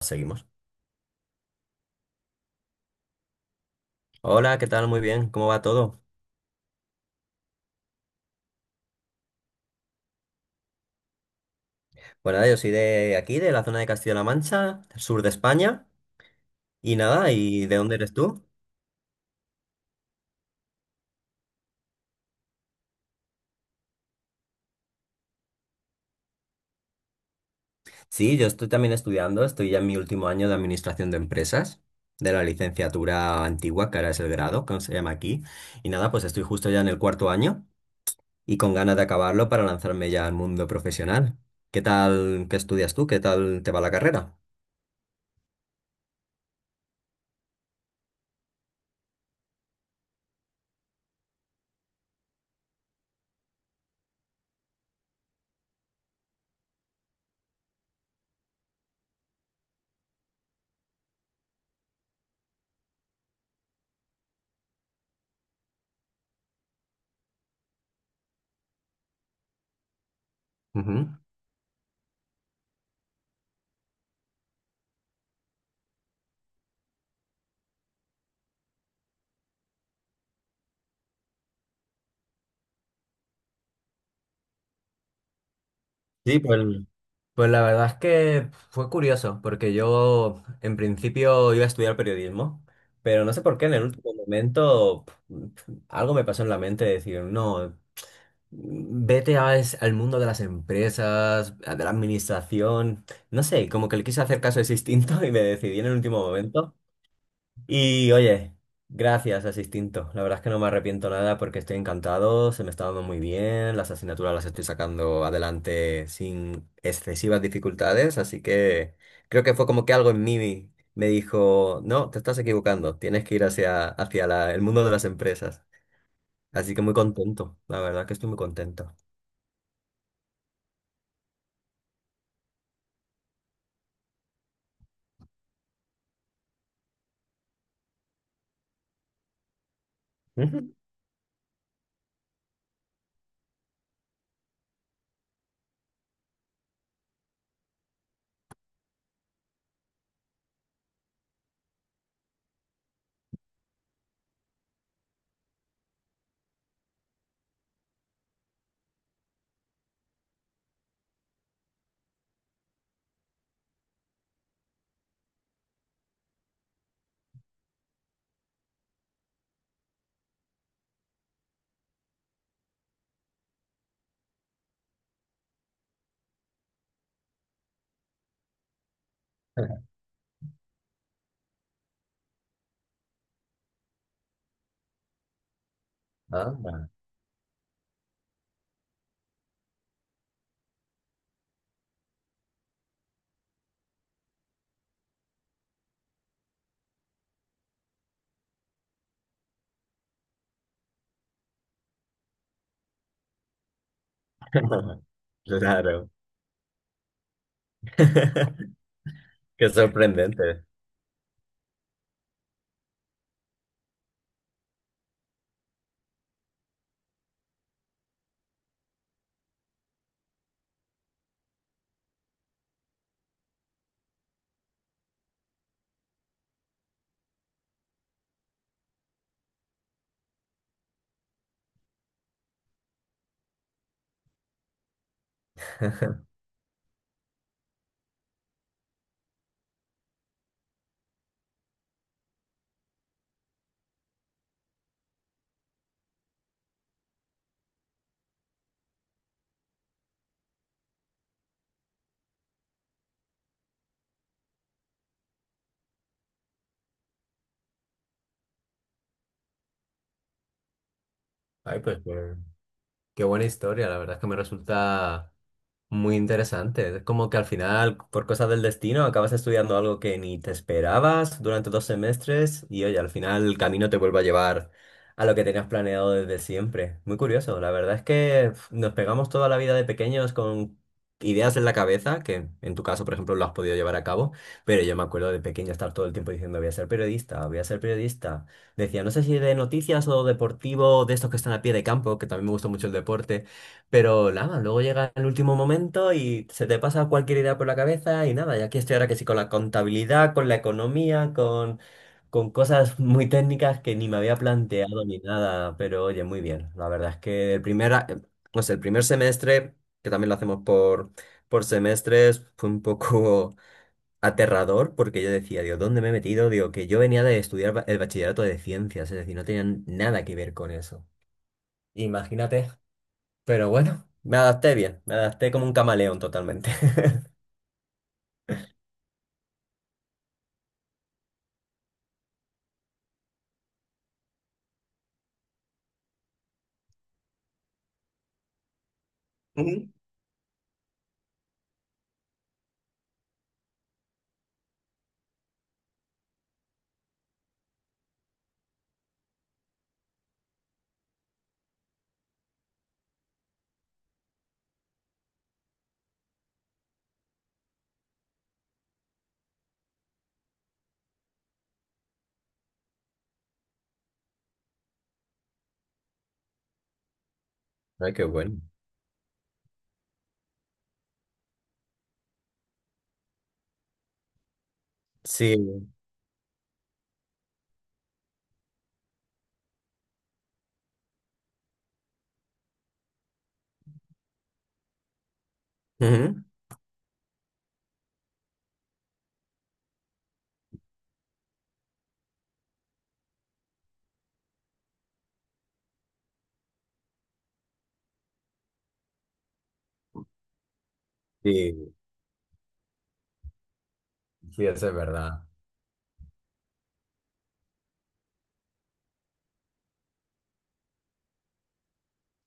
Seguimos. Hola, ¿qué tal? Muy bien, ¿cómo va todo? Bueno, nada, yo soy de aquí, de la zona de Castilla-La Mancha, sur de España. Y nada, ¿y de dónde eres tú? Sí, yo estoy también estudiando, estoy ya en mi último año de administración de empresas, de la licenciatura antigua, que ahora es el grado, que se llama aquí. Y nada, pues estoy justo ya en el cuarto año y con ganas de acabarlo para lanzarme ya al mundo profesional. ¿Qué tal? ¿Qué estudias tú? ¿Qué tal te va la carrera? Ujú. Sí, pues. Pues la verdad es que fue curioso, porque yo en principio iba a estudiar periodismo, pero no sé por qué en el último momento algo me pasó en la mente de decir, no, vete al mundo de las empresas, de la administración, no sé, como que le quise hacer caso de ese instinto y me decidí en el último momento y oye, gracias a ese instinto. La verdad es que no me arrepiento nada porque estoy encantado, se me está dando muy bien, las asignaturas las estoy sacando adelante sin excesivas dificultades, así que creo que fue como que algo en mí me dijo, no, te estás equivocando, tienes que ir hacia el mundo de las empresas. Así que muy contento, la verdad que estoy muy contento. Ujú. Anda. Claro. Qué sorprendente. Ay, pues qué buena historia. La verdad es que me resulta muy interesante. Es como que al final, por cosas del destino, acabas estudiando algo que ni te esperabas durante dos semestres y oye, al final el camino te vuelve a llevar a lo que tenías planeado desde siempre. Muy curioso. La verdad es que nos pegamos toda la vida de pequeños con ideas en la cabeza, que en tu caso, por ejemplo, lo has podido llevar a cabo, pero yo me acuerdo de pequeño estar todo el tiempo diciendo voy a ser periodista, voy a ser periodista. Decía, no sé si de noticias o deportivo, de estos que están a pie de campo, que también me gusta mucho el deporte. Pero nada, luego llega el último momento y se te pasa cualquier idea por la cabeza y nada, y aquí estoy ahora que sí con la contabilidad, con la economía, con cosas muy técnicas que ni me había planteado ni nada, pero oye, muy bien. La verdad es que el no sé, el primer semestre, que también lo hacemos por semestres, fue un poco aterrador porque yo decía, Dios, ¿dónde me he metido? Digo, que yo venía de estudiar el bachillerato de ciencias, es decir, no tenía nada que ver con eso. Imagínate, pero bueno, me adapté bien, me adapté como un camaleón totalmente. Ujú. Ay, qué bueno. Sí, ujú. Sí, sí, eso es verdad.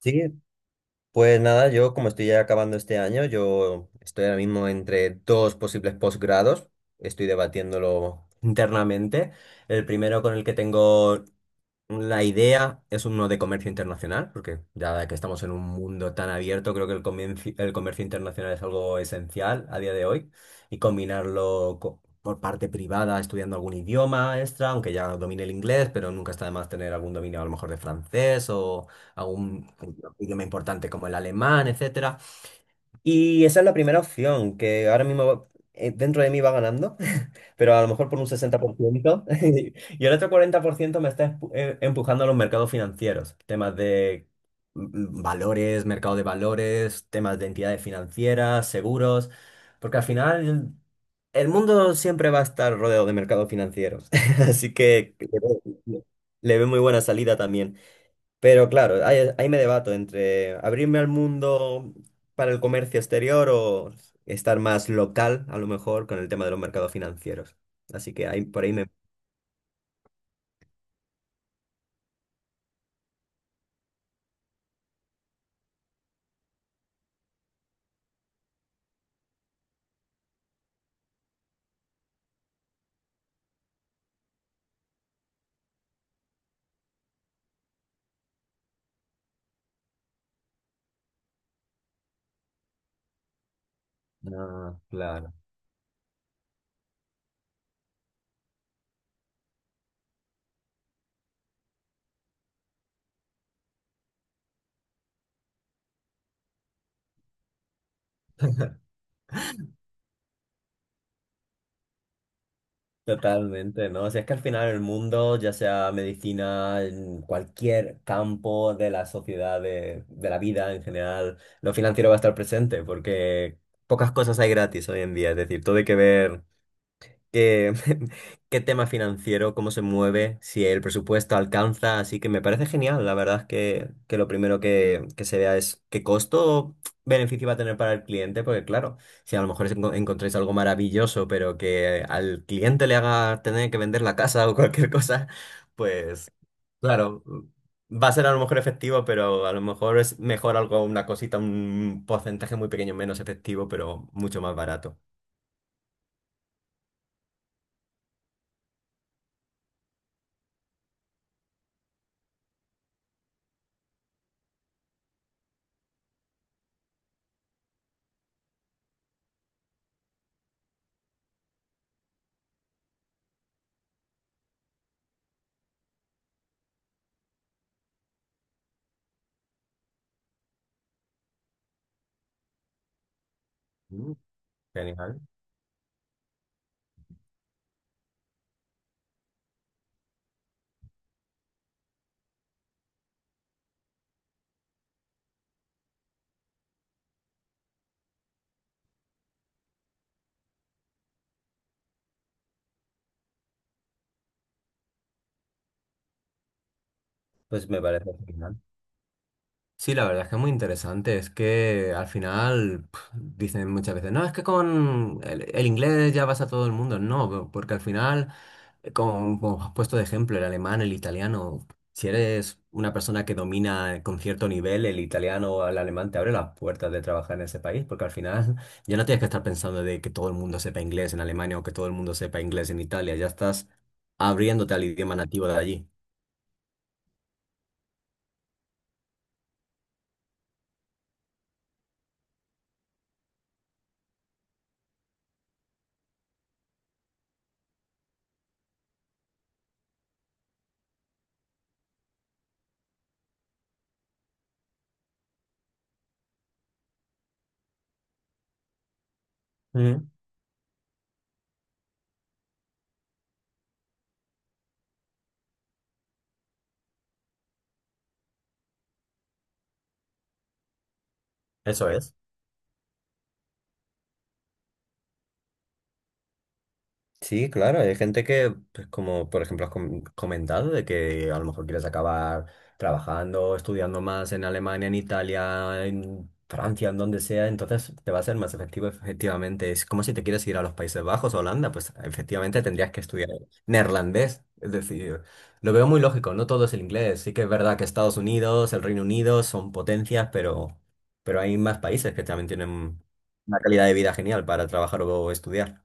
Sí, pues nada, yo como estoy ya acabando este año, yo estoy ahora mismo entre dos posibles posgrados, estoy debatiéndolo internamente. El primero con el que tengo la idea es uno de comercio internacional, porque ya que estamos en un mundo tan abierto, creo que el comercio internacional es algo esencial a día de hoy y por parte privada estudiando algún idioma extra, aunque ya domine el inglés, pero nunca está de más tener algún dominio a lo mejor de francés o algún idioma importante como el alemán, etcétera. Y esa es la primera opción que ahora mismo dentro de mí va ganando, pero a lo mejor por un 60%. Y el otro 40% me está empujando a los mercados financieros, temas de valores, mercado de valores, temas de entidades financieras, seguros, porque al final el mundo siempre va a estar rodeado de mercados financieros. Así que le veo muy buena salida también. Pero claro, ahí me debato entre abrirme al mundo para el comercio exterior o estar más local, a lo mejor, con el tema de los mercados financieros. Así que ahí por ahí me... Ah, claro. Totalmente, ¿no? O sea, es que al final el mundo, ya sea medicina, en cualquier campo de la sociedad, de la vida en general, lo financiero va a estar presente porque pocas cosas hay gratis hoy en día. Es decir, todo hay que ver qué, qué tema financiero, cómo se mueve, si el presupuesto alcanza, así que me parece genial. La verdad es que, que lo primero que se vea es qué costo beneficio va a tener para el cliente, porque claro, si a lo mejor encontráis algo maravilloso, pero que al cliente le haga tener que vender la casa o cualquier cosa, pues claro, va a ser a lo mejor efectivo, pero a lo mejor es mejor algo, una cosita, un porcentaje muy pequeño menos efectivo, pero mucho más barato. Mm. Genial. Pues me parece genial. Sí, la verdad es que es muy interesante. Es que al final dicen muchas veces, no, es que con el inglés ya vas a todo el mundo. No, porque al final, como has puesto de ejemplo, el alemán, el italiano, si eres una persona que domina con cierto nivel el italiano o el alemán, te abre las puertas de trabajar en ese país, porque al final ya no tienes que estar pensando de que todo el mundo sepa inglés en Alemania o que todo el mundo sepa inglés en Italia. Ya estás abriéndote al idioma nativo de allí. Mm. Eso es. Sí, claro, hay gente que, pues como por ejemplo has comentado, de que a lo mejor quieres acabar trabajando, estudiando más en Alemania, en Italia, en Francia, en donde sea, entonces te va a ser más efectivo efectivamente. Es como si te quieres ir a los Países Bajos, a Holanda, pues efectivamente tendrías que estudiar neerlandés. Es decir, lo veo muy lógico, no todo es el inglés. Sí que es verdad que Estados Unidos, el Reino Unido son potencias, pero hay más países que también tienen una calidad de vida genial para trabajar o estudiar.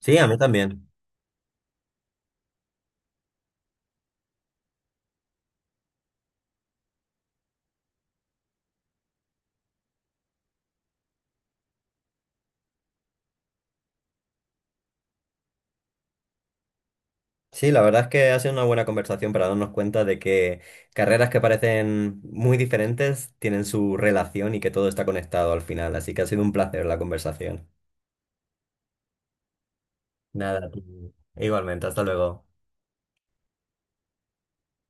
Sí, a mí también. Sí, la verdad es que ha sido una buena conversación para darnos cuenta de que carreras que parecen muy diferentes tienen su relación y que todo está conectado al final. Así que ha sido un placer la conversación. Nada, a igualmente, hasta luego.